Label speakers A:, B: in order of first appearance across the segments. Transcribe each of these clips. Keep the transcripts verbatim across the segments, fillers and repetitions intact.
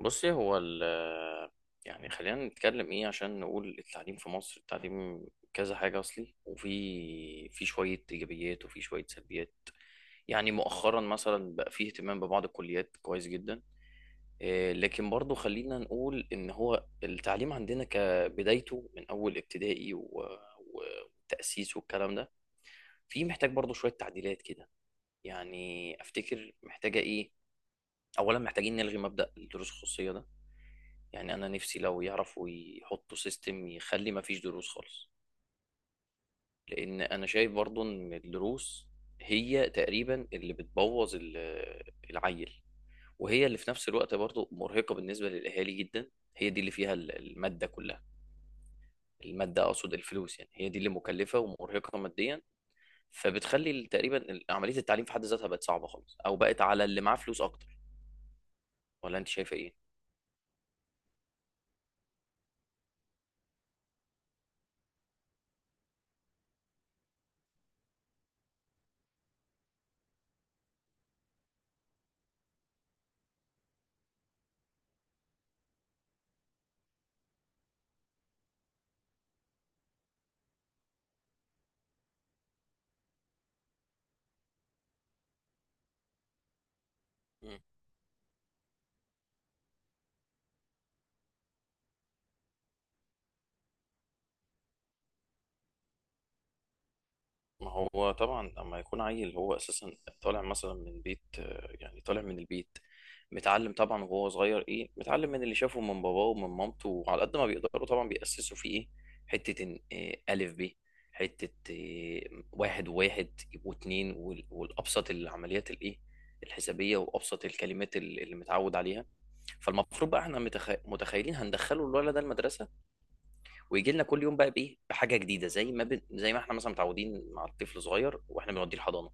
A: بصي هو ال يعني خلينا نتكلم ايه عشان نقول التعليم في مصر. التعليم كذا حاجة أصلي، وفي في شوية إيجابيات وفي شوية سلبيات. يعني مؤخرا مثلا بقى فيه اهتمام ببعض الكليات كويس جدا. إيه، لكن برضو خلينا نقول إن هو التعليم عندنا كبدايته من أول ابتدائي و- و- وتأسيس والكلام ده، في محتاج برضو شوية تعديلات كده. يعني أفتكر محتاجة ايه؟ أولا محتاجين نلغي مبدأ الدروس الخصوصية ده. يعني انا نفسي لو يعرفوا يحطوا سيستم يخلي ما فيش دروس خالص، لان انا شايف برضو ان الدروس هي تقريبا اللي بتبوظ ال- العيل، وهي اللي في نفس الوقت برضو مرهقة بالنسبة للاهالي جدا. هي دي اللي فيها ال- المادة كلها، المادة اقصد الفلوس. يعني هي دي اللي مكلفة ومرهقة ماديا. فبتخلي ال- تقريبا ال- عملية التعليم في حد ذاتها بقت صعبة خالص، او بقت على اللي معاه فلوس اكتر. ولا انت شايفة ايه؟ ما هو طبعا اما يكون عيل هو اساسا طالع مثلا من بيت، آه، يعني طالع من البيت متعلم طبعا، وهو صغير ايه، متعلم من اللي شافه من باباه ومن مامته، وعلى قد ما بيقدروا طبعا بيأسسوا فيه ايه، حتة إن إيه ألف ب، حتة إيه واحد وواحد يبقوا اتنين، وال- والأبسط العمليات الايه، الحسابية، وأبسط الكلمات اللي اللي متعود عليها. فالمفروض بقى احنا متخ... متخيلين هندخله الولد ده المدرسة، ويجي لنا كل يوم بقى بايه، بحاجه جديده، زي ما ب... زي ما احنا مثلا متعودين مع الطفل صغير واحنا بنوديه الحضانه،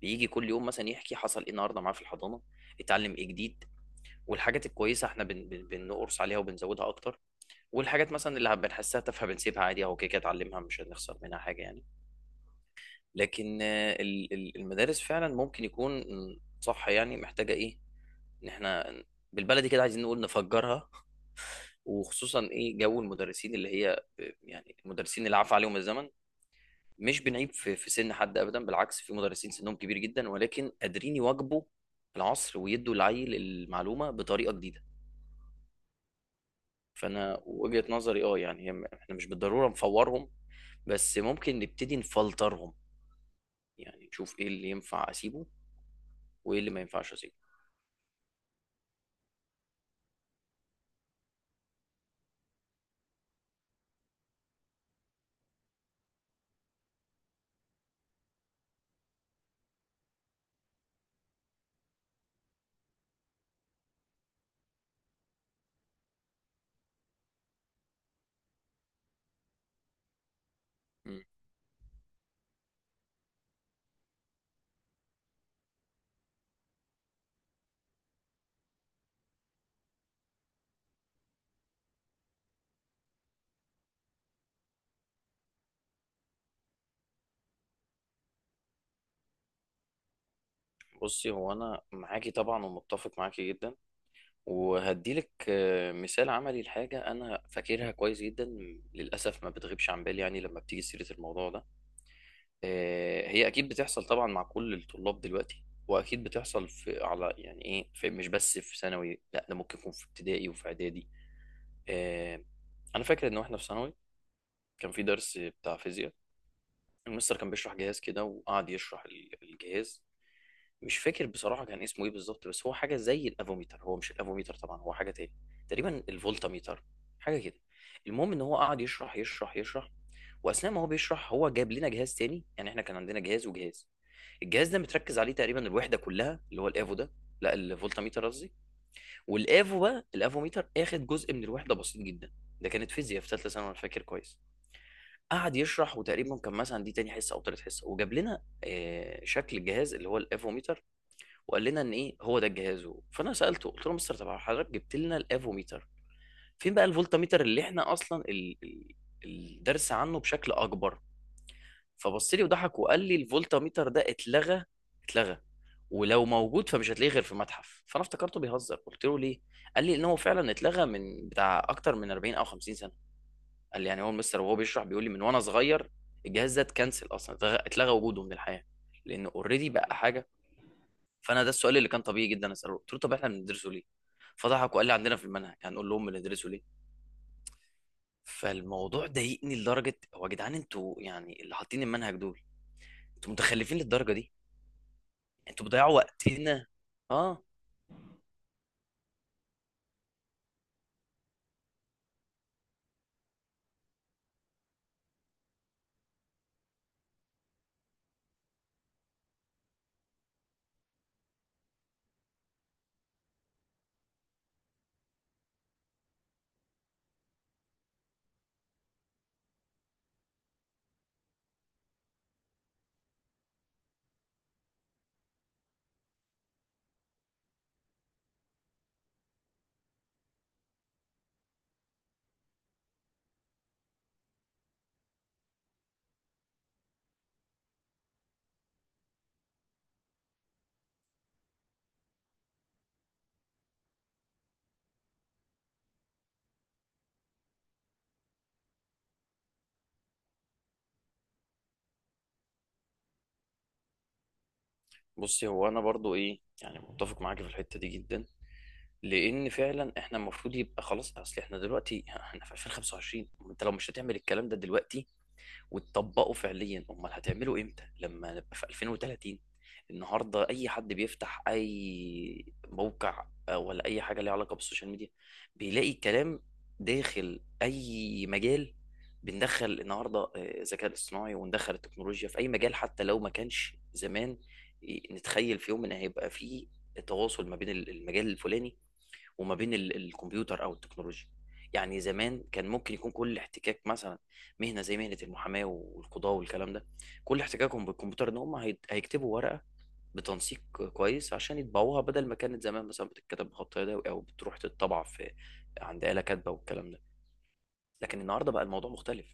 A: بيجي كل يوم مثلا يحكي حصل ايه النهارده معاه في الحضانه، اتعلم ايه جديد. والحاجات الكويسه احنا بن... بن... بنقرص عليها وبنزودها اكتر، والحاجات مثلا اللي بنحسها تافهه بنسيبها عادي، اهو كده كده اتعلمها، مش هنخسر منها حاجه يعني. لكن آه، ال- ال- المدارس فعلا ممكن يكون صح، يعني محتاجه ايه، ان احنا بالبلدي كده عايزين نقول نفجرها. وخصوصا ايه، جو المدرسين اللي هي، يعني المدرسين اللي عفى عليهم الزمن. مش بنعيب في في سن حد ابدا، بالعكس في مدرسين سنهم كبير جدا ولكن قادرين يواكبوا العصر ويدوا العيل المعلومه بطريقه جديده. فانا وجهه نظري اه، يعني هي- احنا مش بالضروره نفورهم، بس ممكن نبتدي نفلترهم. يعني نشوف ايه اللي ينفع اسيبه وايه اللي ما ينفعش اسيبه. مم. بصي هو انا معاكي طبعا ومتفق معاكي جدا، وهديلك آه، مثال عملي لحاجه انا فاكرها كويس جدا. للاسف ما بتغيبش عن بالي يعني لما بتيجي سيره الموضوع ده. آه، هي اكيد بتحصل طبعا مع كل الطلاب دلوقتي، واكيد بتحصل في على يعني ايه، في مش بس في ثانوي، لا ده ممكن يكون في ابتدائي وفي اعدادي. آه، انا فاكر ان احنا في ثانوي كان في درس بتاع فيزياء، المستر كان بيشرح جهاز كده وقعد يشرح ال- الجهاز. مش فاكر بصراحة كان اسمه ايه بالظبط، بس هو حاجة زي الافوميتر، هو مش الافوميتر طبعا، هو حاجة تاني، تقريبا الفولتاميتر، حاجة كده. المهم ان هو قعد يشرح يشرح يشرح، واثناء ما هو بيشرح هو جاب لنا جهاز تاني. يعني احنا كان عندنا جهاز وجهاز، الجهاز ده متركز عليه تقريبا الوحدة كلها، اللي هو الافو ده، لا الفولتاميتر قصدي، والافو بقى الافوميتر اخد جزء من الوحدة بسيط جدا. ده كانت فيزياء في ثالثة ثانوي انا فاكر كويس. قعد يشرح، وتقريبا كان مثلا دي تاني حصة او تالت حصة، وجاب لنا آه، شكل الجهاز اللي هو الافوميتر، وقال لنا ان ايه، هو ده الجهاز. فانا سالته قلت له مستر، طب حضرتك جبت لنا الافوميتر، فين بقى الفولتاميتر اللي احنا اصلا ال- ال- الدرس عنه بشكل اكبر؟ فبص لي وضحك وقال لي الفولتاميتر ده اتلغى، اتلغى، ولو موجود فمش هتلاقيه غير في متحف. فانا افتكرته بيهزر، قلت له ليه؟ قال لي ان هو فعلا اتلغى من بتاع اكتر من أربعين او خمسين سنه. قال لي، يعني هو المستر وهو بيشرح بيقول لي من وانا صغير الجهاز ده اتكنسل، اصلا اتلغى، اتلغى وجوده من الحياه، لانه اوريدي بقى حاجه. فانا ده السؤال اللي كان طبيعي جدا اساله، قلت له طب احنا بندرسه ليه؟ فضحك وقال لي عندنا في المنهج، هنقول لهم بندرسه ليه. فالموضوع ضايقني لدرجه، هو يا جدعان انتوا يعني اللي حاطين المنهج دول، انتوا متخلفين للدرجه دي، انتوا بتضيعوا وقتنا. اه، بصي هو انا برضو ايه يعني، متفق معاكي في الحته دي جدا، لان فعلا احنا المفروض يبقى خلاص، اصل احنا دلوقتي احنا في ألفين وخمسة وعشرين، انت لو مش هتعمل الكلام ده دلوقتي وتطبقوا فعليا، امال هتعملوا امتى، لما نبقى في ألفين وثلاثين؟ النهارده اي حد بيفتح اي موقع آه، ولا اي حاجه ليها علاقه بالسوشيال ميديا، بيلاقي كلام داخل اي مجال. بندخل النهارده آه، الذكاء الاصطناعي وندخل التكنولوجيا في اي مجال، حتى لو ما كانش زمان ي- نتخيل في يوم ان هيبقى فيه تواصل ما بين ال- المجال الفلاني وما بين ال- الكمبيوتر او التكنولوجيا. يعني زمان كان ممكن يكون كل احتكاك مثلا مهنه زي مهنه المحاماه والقضاء والكلام ده، كل احتكاكهم بالكمبيوتر ان هم هيت- هيكتبوا ورقه بتنسيق كويس عشان يطبعوها، بدل ما كانت زمان مثلا بتتكتب بخط يدوي او بتروح تتطبع في عند آلة كاتبه والكلام ده. لكن النهارده بقى الموضوع مختلف،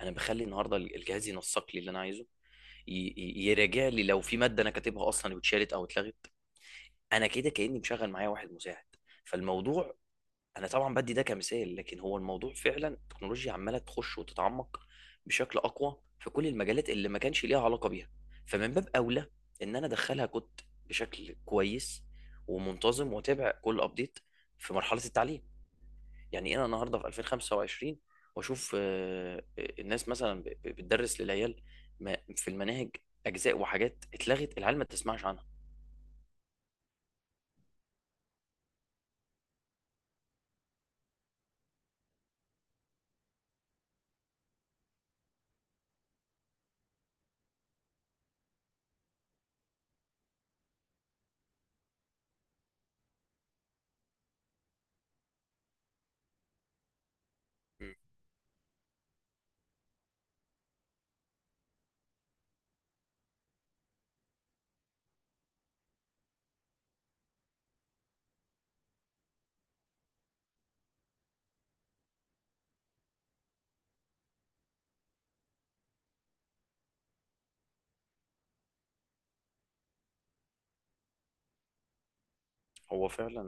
A: انا بخلي النهارده الجهاز ينسق لي اللي انا عايزه، ي- ي- يراجع لي لو في ماده انا كاتبها اصلا واتشالت او اتلغت. انا كده كاني مشغل معايا واحد مساعد. فالموضوع انا طبعا بدي ده كمثال، لكن هو الموضوع فعلا التكنولوجيا عماله تخش وتتعمق بشكل اقوى في كل المجالات اللي ما كانش ليها علاقه بيها. فمن باب اولى ان انا ادخلها كنت بشكل كويس ومنتظم، واتابع كل ابديت في مرحله التعليم. يعني انا النهارده في ألفين وخمسة وعشرين واشوف آه، آه، الناس مثلا ب- ب- بتدرس للعيال ما- في المناهج اجزاء وحاجات اتلغت العيال ما تسمعش عنها. هو فعلا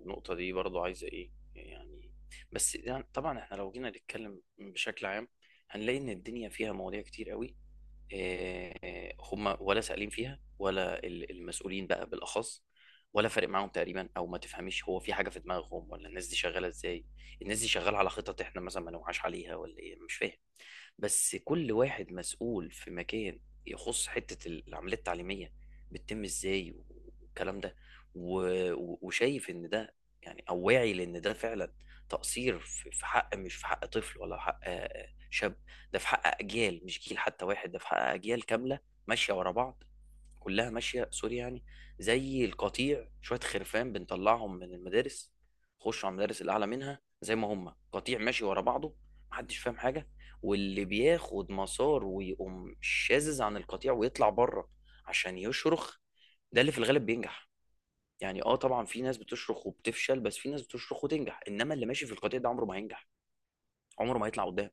A: النقطة دي برضو عايزة ايه يعني، بس يعني طبعا احنا لو جينا نتكلم بشكل عام هنلاقي ان الدنيا فيها مواضيع كتير قوي، آه، هم ولا سائلين فيها، ولا ال- المسؤولين بقى بالاخص ولا فارق معاهم تقريبا. او ما تفهميش هو في حاجة في دماغهم، ولا الناس دي شغالة ازاي. الناس دي شغالة على خطط احنا مثلا ما نوعاش عليها، ولا ايه مش فاهم. بس كل واحد مسؤول في مكان يخص حتة العملية التعليمية بتتم ازاي والكلام ده، و- و- وشايف ان ده يعني، او واعي لان ده فعلا تقصير في في حق، مش في حق طفل ولا حق آه، شاب، ده في حق اجيال، مش جيل حتى واحد، ده في حق اجيال كاملة ماشية ورا بعض، كلها ماشيه، سوري يعني، زي القطيع، شويه خرفان بنطلعهم من المدارس، خشوا على المدارس الاعلى منها زي ما هم قطيع ماشي ورا بعضه، محدش فاهم حاجه. واللي بياخد مسار ويقوم شاذز عن القطيع ويطلع بره عشان يشرخ، ده اللي في الغالب بينجح. يعني اه طبعا في ناس بتشرخ وبتفشل، بس في ناس بتشرخ وتنجح، انما اللي ماشي في القطيع ده عمره ما هينجح، عمره ما هيطلع قدام.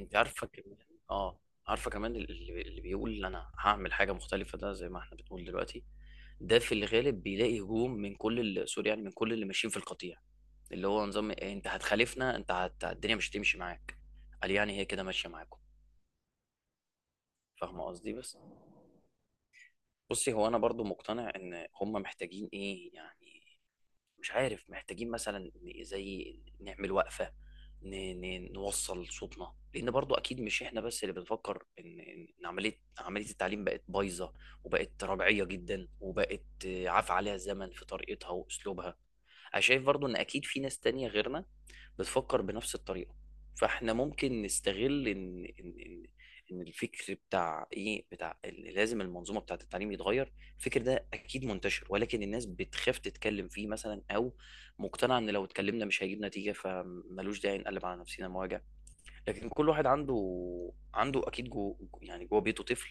A: انت عارفه كمان، اه، عارفه كمان، اللي اللي بيقول انا هعمل حاجه مختلفه ده زي ما احنا بنقول دلوقتي، ده في الغالب بيلاقي هجوم من كل ال- سوري يعني، من كل اللي ماشيين في القطيع، اللي هو نظام إيه، انت هتخالفنا؟ انت هت... الدنيا مش هتمشي معاك، قال يعني هي كده ماشيه معاكم. فاهم قصدي؟ بس بصي، هو انا برضو مقتنع ان هم محتاجين ايه يعني، مش عارف، محتاجين مثلا ن- زي نعمل وقفه، ن... ن... نوصل صوتنا، لان برضو اكيد مش احنا بس اللي بنفكر ان ان إن عمليه عمليه التعليم بقت بايظه، وبقت ربعيه جدا، وبقت آه، عفى عليها الزمن في طريقتها واسلوبها. انا شايف برضو ان اكيد في ناس تانية غيرنا بتفكر بنفس الطريقة، فاحنا ممكن نستغل ان ان ان ان الفكر بتاع ايه، بتاع اللي لازم المنظومة بتاعة التعليم يتغير. الفكر ده اكيد منتشر، ولكن الناس بتخاف تتكلم فيه مثلا، او مقتنعة ان لو اتكلمنا مش هيجيب نتيجة، فملوش داعي نقلب على نفسنا مواجع. لكن كل واحد عنده، عنده اكيد جو، يعني جوه بيته طفل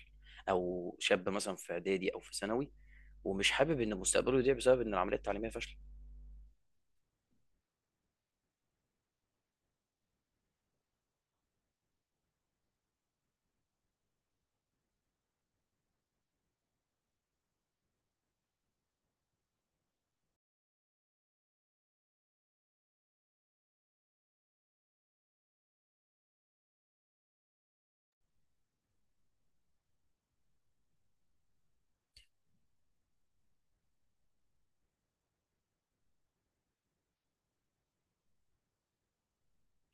A: او شاب مثلا في اعدادي او في ثانوي، ومش حابب ان مستقبله يضيع بسبب ان العملية التعليمية فاشلة.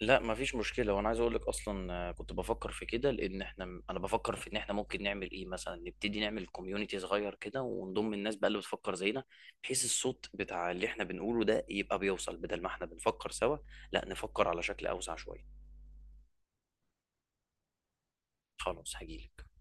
A: لأ، ما فيش مشكلة، وأنا عايز أقول لك أصلًا آه، كنت بافكّر في كده، لإن إحنا م أنا بافكّر في إن إحنا ممكن نعمل إيه مثلًا، نبتدي نعمل community صغير كده ونضم الناس بقى اللي بتفكّر زينا، بحيث الصوت بتاع اللي إحنا بنقوله ده يبقى بيوصل، بدل ما إحنا بنفكّر سوا، لأ نفكّر على شكل أوسع شوية. خلاص هاجي لك.